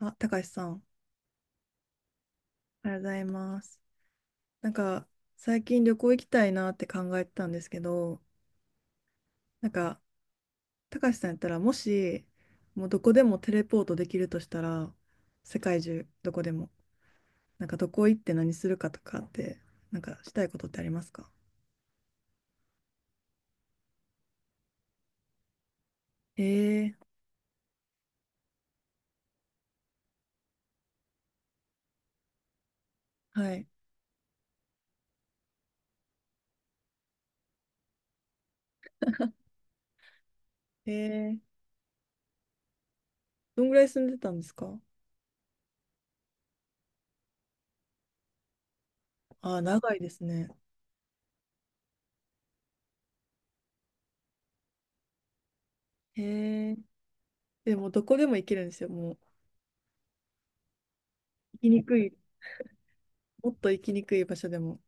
あ、たかしさん、おはようございます。なんか、最近旅行行きたいなって考えてたんですけど、なんか、たかしさんやったら、もし、もうどこでもテレポートできるとしたら、世界中、どこでも、なんか、どこ行って何するかとかって、なんか、したいことってありますか？ええ、はい。ええ、どんぐらい住んでたんですか？あー、長いですね。ええ、でも、どこでも行けるんですよ、もう。行きにくい、もっと行きにくい場所でも。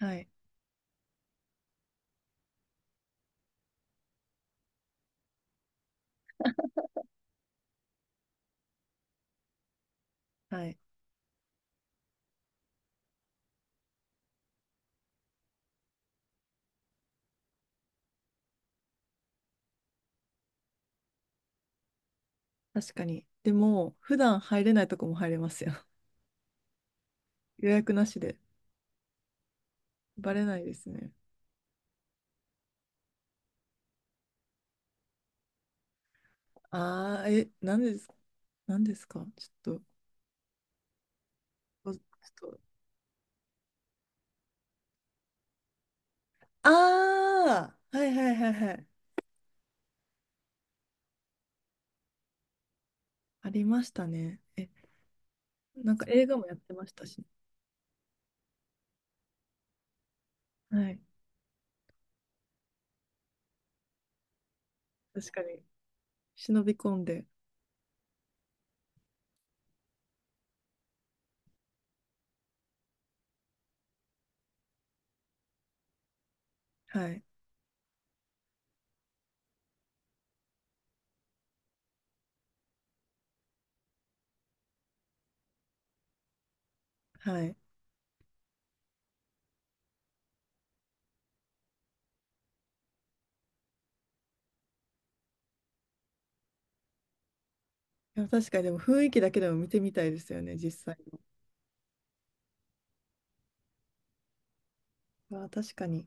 はい。はい、確かに。でも、普段入れないとこも入れますよ。予約なしで。バレないですね。ああ、え、何ですか？何ですかちょっと、おちょっと。ああ、はいはいはいはい。ありましたね。え、なんか映画もやってましたし。はい。確かに。忍び込んで。はい。はい。いや、確かに、でも雰囲気だけでも見てみたいですよね、実際の。ああ、確かに。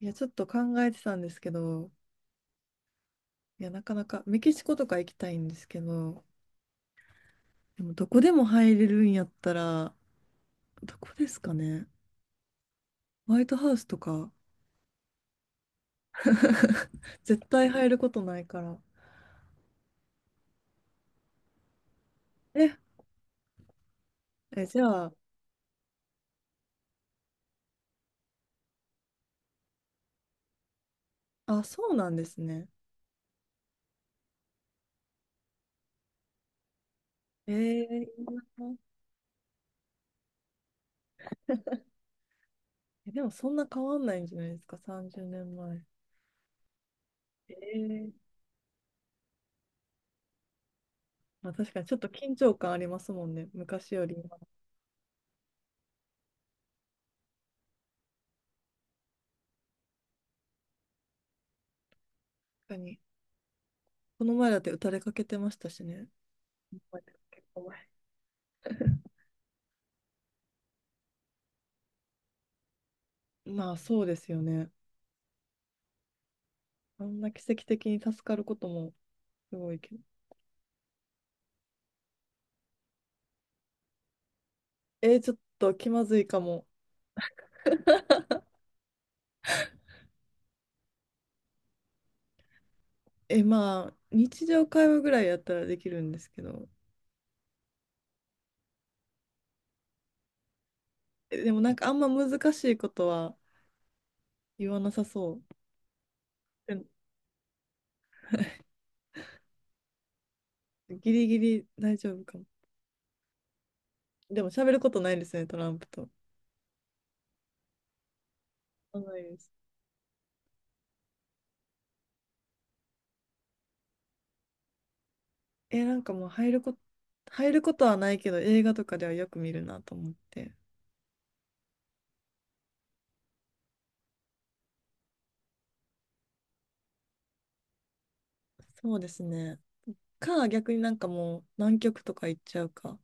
いや、ちょっと考えてたんですけど、いや、なかなか、メキシコとか行きたいんですけど、でもどこでも入れるんやったら、どこですかね。ホワイトハウスとか、絶対入ることないから。え、え、じゃあ、あ、そうなんですね。いいな。え、でもそんな変わんないんじゃないですか、30年前。えー、まあ、確かにちょっと緊張感ありますもんね、昔より今。確かに。この前だって打たれかけてましたしね。結構前。 まあそうですよね。あんな奇跡的に助かることもすごいけど。ちょっと気まずいかも。え、まあ、日常会話ぐらいやったらできるんですけど、え、でもなんかあんま難しいことは言わなさそう。うん、ギリギリ大丈夫かも。でも喋ることないですね、トランプと。あないです。え、なんかもう入ること、はないけど、映画とかではよく見るなと思って。そうですね。か、逆になんかもう南極とか行っちゃうか。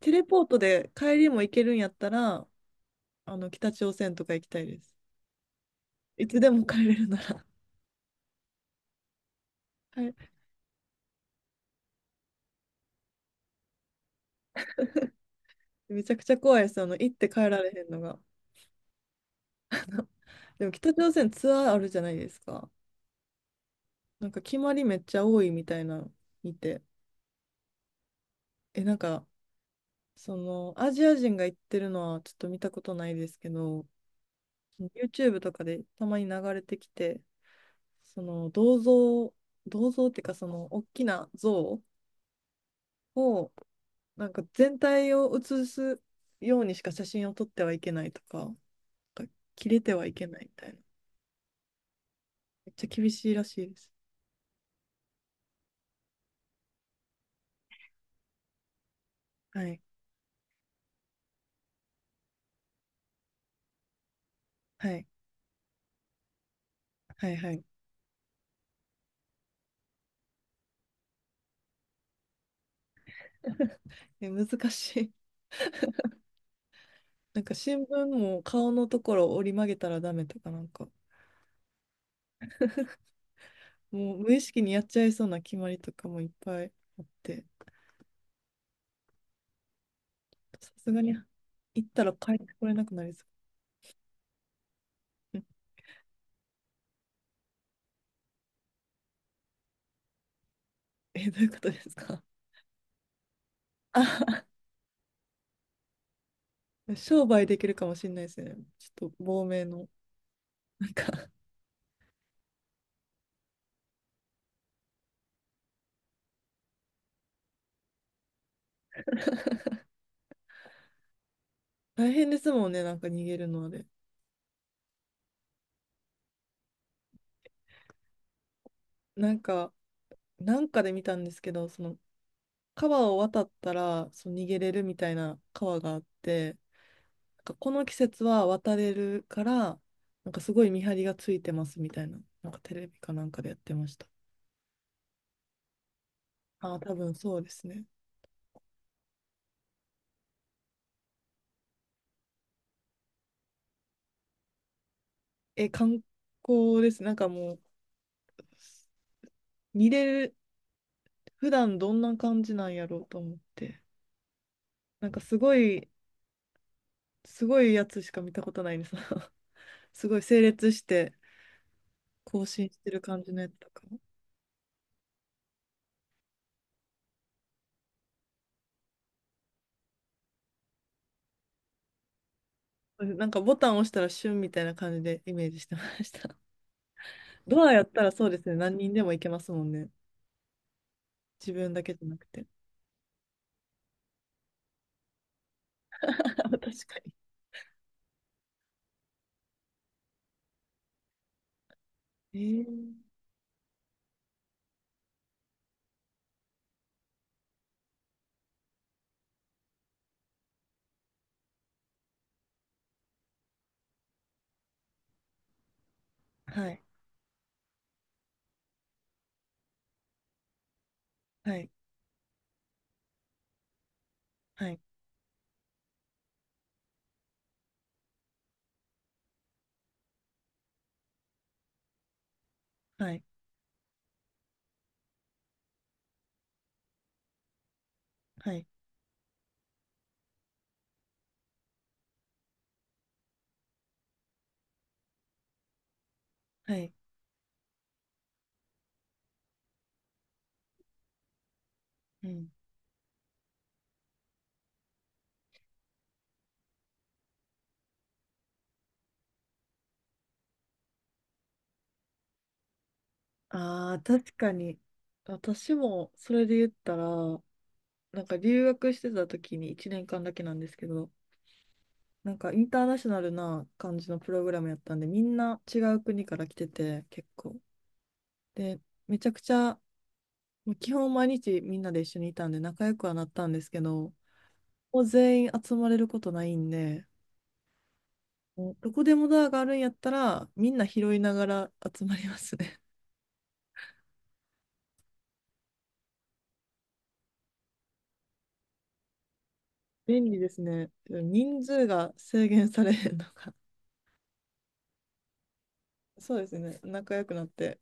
テレポートで帰りも行けるんやったら、あの、北朝鮮とか行きたいです。いつでも帰れるなら。はい、めちゃくちゃ怖いです。あの、行って帰られへんのが。でも北朝鮮ツアーあるじゃないですか。なんか決まりめっちゃ多いみたいなの見て。え、なんか、その、アジア人が行ってるのはちょっと見たことないですけど、YouTube とかでたまに流れてきて、その、銅像っていうか、その、大きな像を、なんか全体を写すようにしか写真を撮ってはいけないとか、なんか切れてはいけないみたいな。めっちゃ厳しいらしいです。はい。はい。はいはい。え、難しい。なんか新聞も顔のところを折り曲げたらダメとかなんか、もう無意識にやっちゃいそうな決まりとかもいっぱいあって、さすがに行ったら帰ってこれなくなりそう。うん、え、どういうことですか？あ、商売できるかもしれないですね。ちょっと亡命の。なんか大変ですもんね、なんか逃げるので。なんか、なんかで見たんですけど、その川を渡ったらそう逃げれるみたいな川があって、なんかこの季節は渡れるから、なんかすごい見張りがついてますみたいな、なんかテレビかなんかでやってました。ああ、多分そうですね。え、観光です。なんかもう、見れる、普段どんな感じなんやろうと思って。なんかすごい、すごいやつしか見たことないです。すごい整列して更新してる感じのやつとか。なんかボタン押したらシュンみたいな感じでイメージしてました。ドアやったらそうですね。何人でも行けますもんね。自分だけじゃなくて。あ 確かに。えー、はい、はい、はい、はい、はい、はい。うん。ああ、確かに。私もそれで言ったら、なんか留学してた時に1年間だけなんですけど、なんかインターナショナルな感じのプログラムやったんで、みんな違う国から来てて、結構。で、めちゃくちゃ、もう基本毎日みんなで一緒にいたんで仲良くはなったんですけど、もう全員集まれることないんで、もうどこでもドアがあるんやったら、みんな拾いながら集まりますね。便利ですね。人数が制限されへんのか。そうですね。仲良くなって